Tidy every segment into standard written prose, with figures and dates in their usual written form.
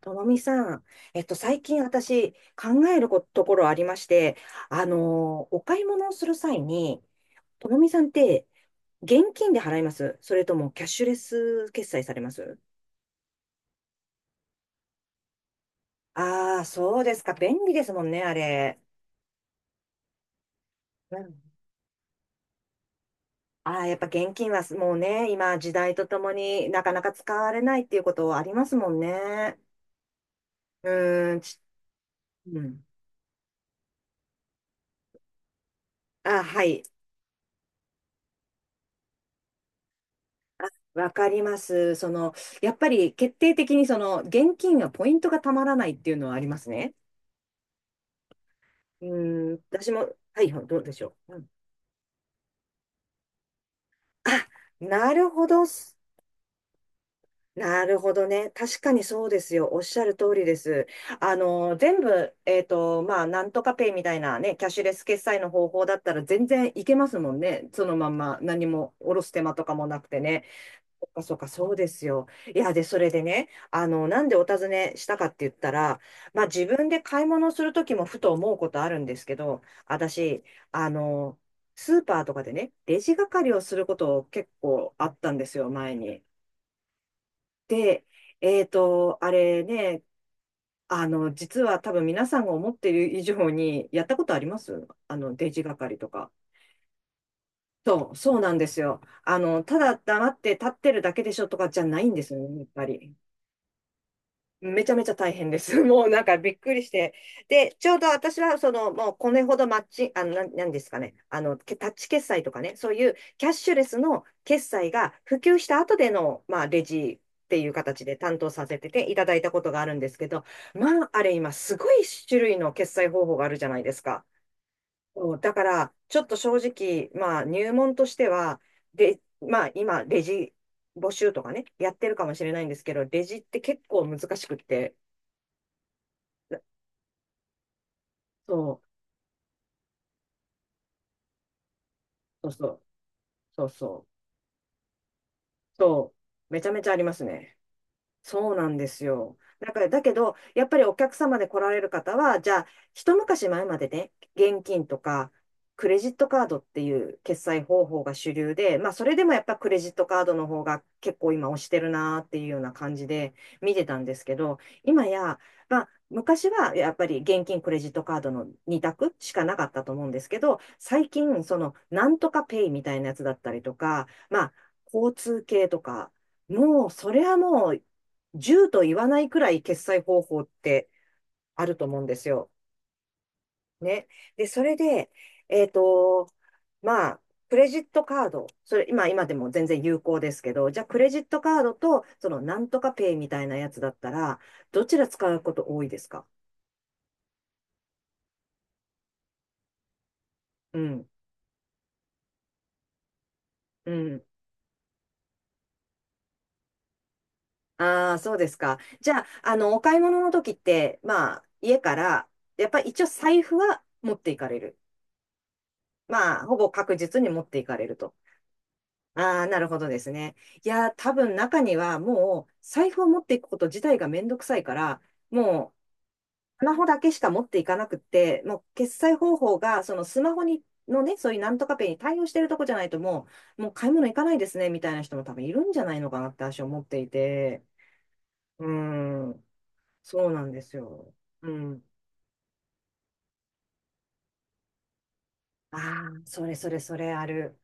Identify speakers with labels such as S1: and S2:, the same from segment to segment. S1: ともみさん、最近私考えることころありまして、お買い物をする際に、ともみさんって現金で払いますそれともキャッシュレス決済されます？ああー、そうですか。便利ですもんね、あれ。うん。ああ、やっぱ現金はもうね、今時代とともになかなか使われないっていうことありますもんね。うーん、ち、うん。あ、はい。わかります。その、やっぱり決定的にその、現金はポイントがたまらないっていうのはありますね。うん、私も、はい、どうでしょう。うん、あ、なるほどっす。なるほどね。確かにそうですよ。おっしゃる通りです。全部、まあ、なんとかペイみたいなね、キャッシュレス決済の方法だったら全然いけますもんね。そのまんま、何も、おろす手間とかもなくてね。そっかそっか、そうですよ。いや、で、それでね、なんでお尋ねしたかって言ったら、まあ自分で買い物するときもふと思うことあるんですけど、私、あの、スーパーとかでね、レジ係をすること結構あったんですよ、前に。で、あれね、実は多分皆さんが思ってる以上に、やったことあります、レジ係とか。そうなんですよ。あの、ただ黙って立ってるだけでしょとかじゃないんですよね、やっぱり。めちゃめちゃ大変です。もうなんかびっくりして。で、ちょうど私はその、もうこれほどマッチ、あの、なん、なんですかね。あの、タッチ決済とかね、そういうキャッシュレスの決済が普及した後での、まあ、レジっていう形で担当させてていただいたことがあるんですけど、まあ、あれ今すごい種類の決済方法があるじゃないですか。そうだから、ちょっと正直、まあ、入門としては、で、まあ、今、レジ募集とかね、やってるかもしれないんですけど、レジって結構難しくって、そう、そうそう、そうそう、そめちゃめちゃありますね。そうなんですよ。だから、だけど、やっぱりお客様で来られる方は、じゃあ、一昔前までね、現金とか、クレジットカードっていう決済方法が主流で、まあ、それでもやっぱクレジットカードの方が結構今押してるなーっていうような感じで見てたんですけど、今や、まあ、昔はやっぱり現金、クレジットカードの二択しかなかったと思うんですけど、最近、その、なんとかペイみたいなやつだったりとか、まあ、交通系とか、もう、それはもう、10と言わないくらい決済方法ってあると思うんですよ。ね。で、それで、えっと、まあ、クレジットカード、それ今、今でも全然有効ですけど、じゃあクレジットカードと、そのなんとかペイみたいなやつだったら、どちら使うこと多いですか？うん、うん。ああ、そうですか。じゃあ、あの、お買い物の時って、まあ、家から、やっぱり一応財布は持っていかれる。まあ、ほぼ確実に持っていかれると。ああ、なるほどですね。いやー、多分中にはもう財布を持っていくこと自体がめんどくさいから、もうスマホだけしか持っていかなくって、もう決済方法がそのスマホに、のね、そういうなんとかペイに対応してるとこじゃないともう買い物行かないですね、みたいな人も多分いるんじゃないのかなって私は思っていて。うーん、そうなんですよ。うん。ああ、それそれそれある。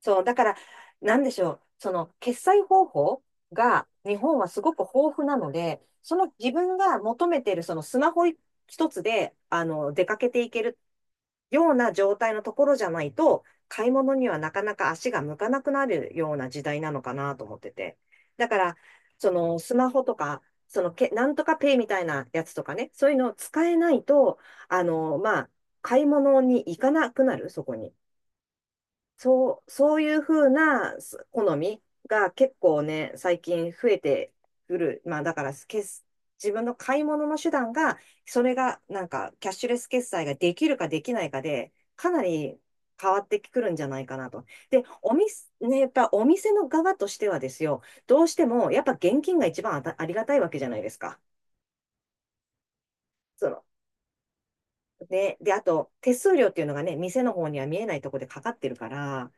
S1: そう、だから、なんでしょう、その決済方法が日本はすごく豊富なので、その自分が求めているそのスマホ一つであの出かけていけるような状態のところじゃないと、買い物にはなかなか足が向かなくなるような時代なのかなと思ってて。だから、そのスマホとか、そのけ、なんとかペイみたいなやつとかね、そういうのを使えないと、まあ、買い物に行かなくなる、そこに。そう、そういうふうなす好みが結構ね、最近増えてくる。まあだから決す、自分の買い物の手段が、それがなんかキャッシュレス決済ができるかできないかで、かなり変わってくるんじゃないかなと。で、お店、ね、やっぱお店の側としてはですよ、どうしてもやっぱ現金が一番あた、ありがたいわけじゃないですか。その、ね、で、あと手数料っていうのがね、店の方には見えないところでかかってるから、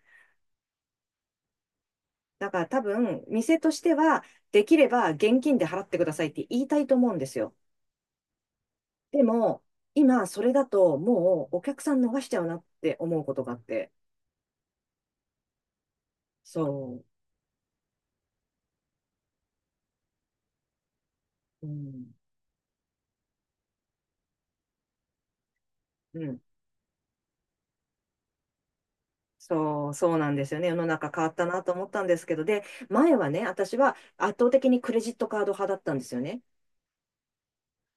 S1: だから多分、店としては、できれば現金で払ってくださいって言いたいと思うんですよ。でも、今、それだと、もうお客さん逃しちゃうなって思うことがあって。そう。うん。うん。そうなんですよね。世の中変わったなと思ったんですけど、で、前はね、私は圧倒的にクレジットカード派だったんですよね。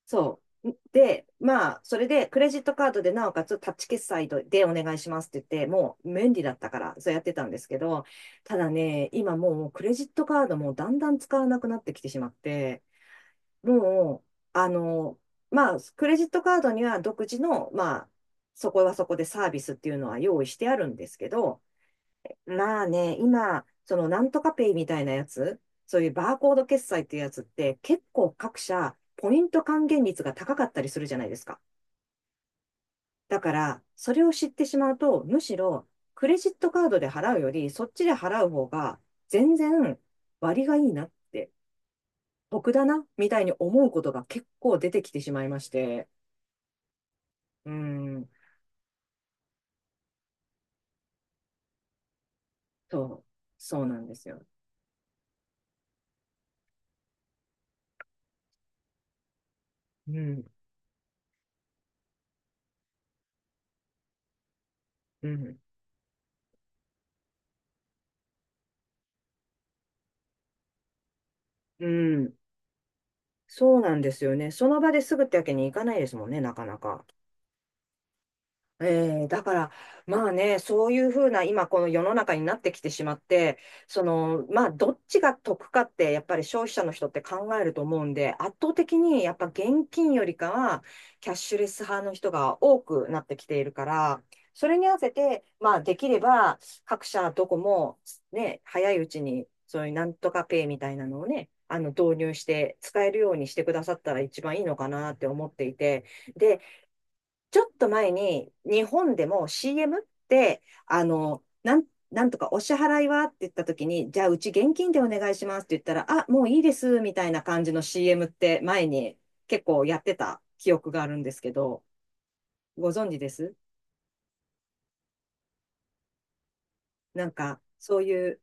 S1: そう。で、まあ、それで、クレジットカードで、なおかつ、タッチ決済でお願いしますって言って、もう、便利だったから、そうやってたんですけど、ただね、今もう、クレジットカードもだんだん使わなくなってきてしまって、もう、あの、まあ、クレジットカードには独自の、まあ、そこはそこでサービスっていうのは用意してあるんですけど、まあね、今、そのなんとかペイみたいなやつ、そういうバーコード決済っていうやつって、結構各社、ポイント還元率が高かったりするじゃないですか。だから、それを知ってしまうと、むしろ、クレジットカードで払うより、そっちで払う方が、全然割がいいなって、得だな、みたいに思うことが結構出てきてしまいまして、うーん、そう、そうなんですよ。うん、うん、うん。そうなんですよね。その場ですぐってわけにいかないですもんね、なかなか。えー、だから、まあね、そういうふうな、今この世の中になってきてしまって、その、まあ、どっちが得かって、やっぱり消費者の人って考えると思うんで、圧倒的にやっぱ現金よりかは、キャッシュレス派の人が多くなってきているから、それに合わせて、まあ、できれば、各社どこも、ね、早いうちに、そういうなんとかペイみたいなのをね、導入して、使えるようにしてくださったら一番いいのかなって思っていて、で、ちょっと前に日本でも CM って、なんとかお支払いはって言った時に、じゃあうち現金でお願いしますって言ったら、あ、もういいですみたいな感じの CM って前に結構やってた記憶があるんですけど、ご存知ですなんか、そういう、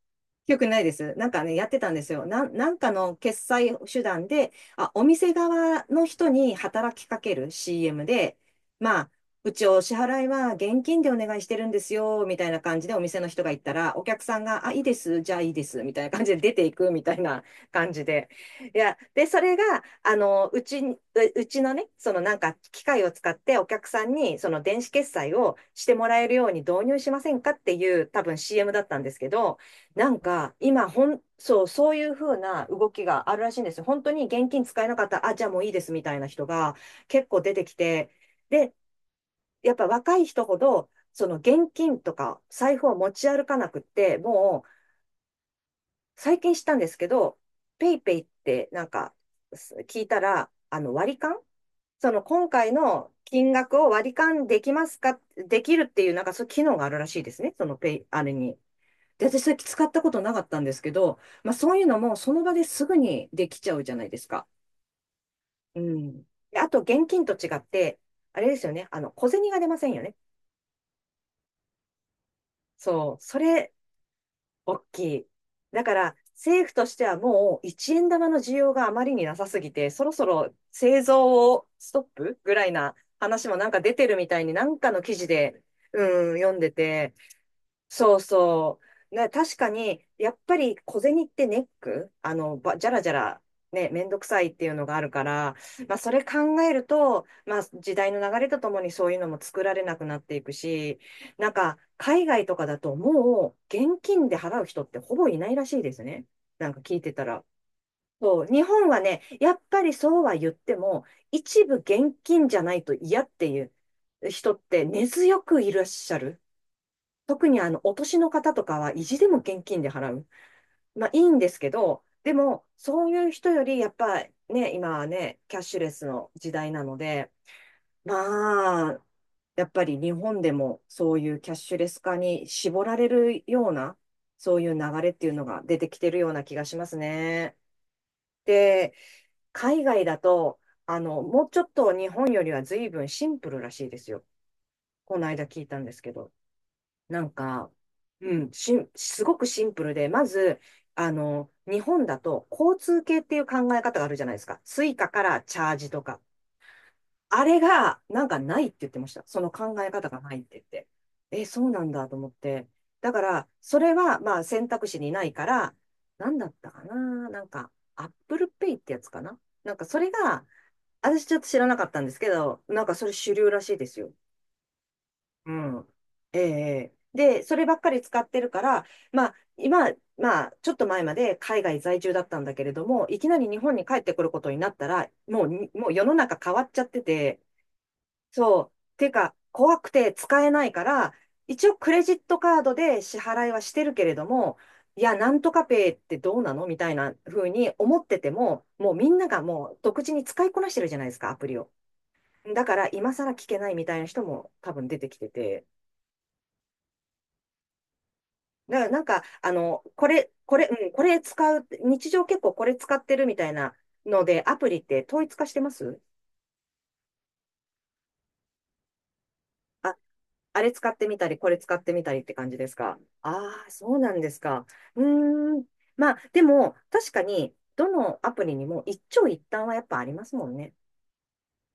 S1: 記憶ないです。なんかね、やってたんですよ。なんかの決済手段で、あ、お店側の人に働きかける CM で、まあ、うちお支払いは現金でお願いしてるんですよ、みたいな感じでお店の人が言ったら、お客さんが、あ、いいです、じゃあいいです、みたいな感じで出ていくみたいな感じで、いや、で、それが、あの、うちうちのね、そのなんか機械を使ってお客さんにその電子決済をしてもらえるように導入しませんかっていう多分 CM だったんですけど、なんか今ほん、そう、そういう風な動きがあるらしいんですよ。本当に現金使えなかったら、あ、じゃあもういいですみたいな人が結構出てきて、で、やっぱ若い人ほど、その現金とか財布を持ち歩かなくって、もう、最近したんですけど、ペイペイってなんか聞いたら、あの割り勘その今回の金額を割り勘できますかできるっていう、なんかそういう機能があるらしいですね。そのペイ、あれに。で、私それ使ったことなかったんですけど、まあそういうのもその場ですぐにできちゃうじゃないですか。うん。であと現金と違って、あれですよね。あの、小銭が出ませんよね。そう。それ、大きい。だから、政府としてはもう一円玉の需要があまりになさすぎて、そろそろ製造をストップぐらいな話もなんか出てるみたいに、なんかの記事で、うん、読んでて、そうそう。ね、確かに、やっぱり小銭ってネックあの、ば、じゃらじゃら、ね、めんどくさいっていうのがあるから、まあ、それ考えると、まあ、時代の流れとともにそういうのも作られなくなっていくし、なんか、海外とかだともう、現金で払う人ってほぼいないらしいですね。なんか聞いてたら。そう、日本はね、やっぱりそうは言っても、一部現金じゃないと嫌っていう人って根強くいらっしゃる。特にあの、お年の方とかは意地でも現金で払う。まあいいんですけど、でも、そういう人より、やっぱね、今はね、キャッシュレスの時代なので、まあ、やっぱり日本でもそういうキャッシュレス化に絞られるような、そういう流れっていうのが出てきてるような気がしますね。で、海外だと、あの、もうちょっと日本よりは随分シンプルらしいですよ。この間聞いたんですけど。なんか、すごくシンプルで、まず、あの、日本だと交通系っていう考え方があるじゃないですか。スイカからチャージとか。あれが、なんかないって言ってました。その考え方がないって言って。え、そうなんだと思って。だから、それは、まあ、選択肢にないから、なんだったかな。なんか、アップルペイってやつかな。なんか、それが、私ちょっと知らなかったんですけど、なんかそれ主流らしいですよ。うん。ええで、そればっかり使ってるから、まあ、今、まあ、ちょっと前まで海外在住だったんだけれども、いきなり日本に帰ってくることになったら、もう世の中変わっちゃってて、そう。てか、怖くて使えないから、一応クレジットカードで支払いはしてるけれども、いや、なんとかペイってどうなのみたいな風に思ってても、もうみんながもう独自に使いこなしてるじゃないですか、アプリを。だから、今更聞けないみたいな人も多分出てきてて。な、なんか、あの、これ、これ、うん、これ使う、日常結構これ使ってるみたいなので、アプリって統一化してますあ、あれ使ってみたり、これ使ってみたりって感じですかああー、そうなんですか。うーん。まあ、でも、確かに、どのアプリにも一長一短はやっぱありますもんね。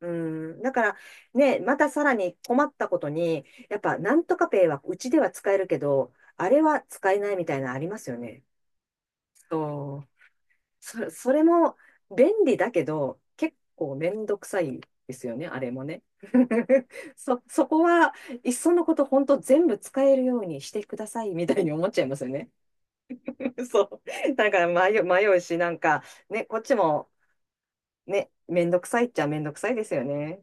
S1: うーん。だから、ね、またさらに困ったことに、やっぱ、なんとかペイはうちでは使えるけど、あれは使えないみたいなのありますよね。そう。そそれも便利だけど、結構めんどくさいですよね、あれもね。そこは、いっそのこと、本当全部使えるようにしてください、みたいに思っちゃいますよね。そう。だから迷うし、なんか、ね、こっちも、ね、めんどくさいっちゃめんどくさいですよね。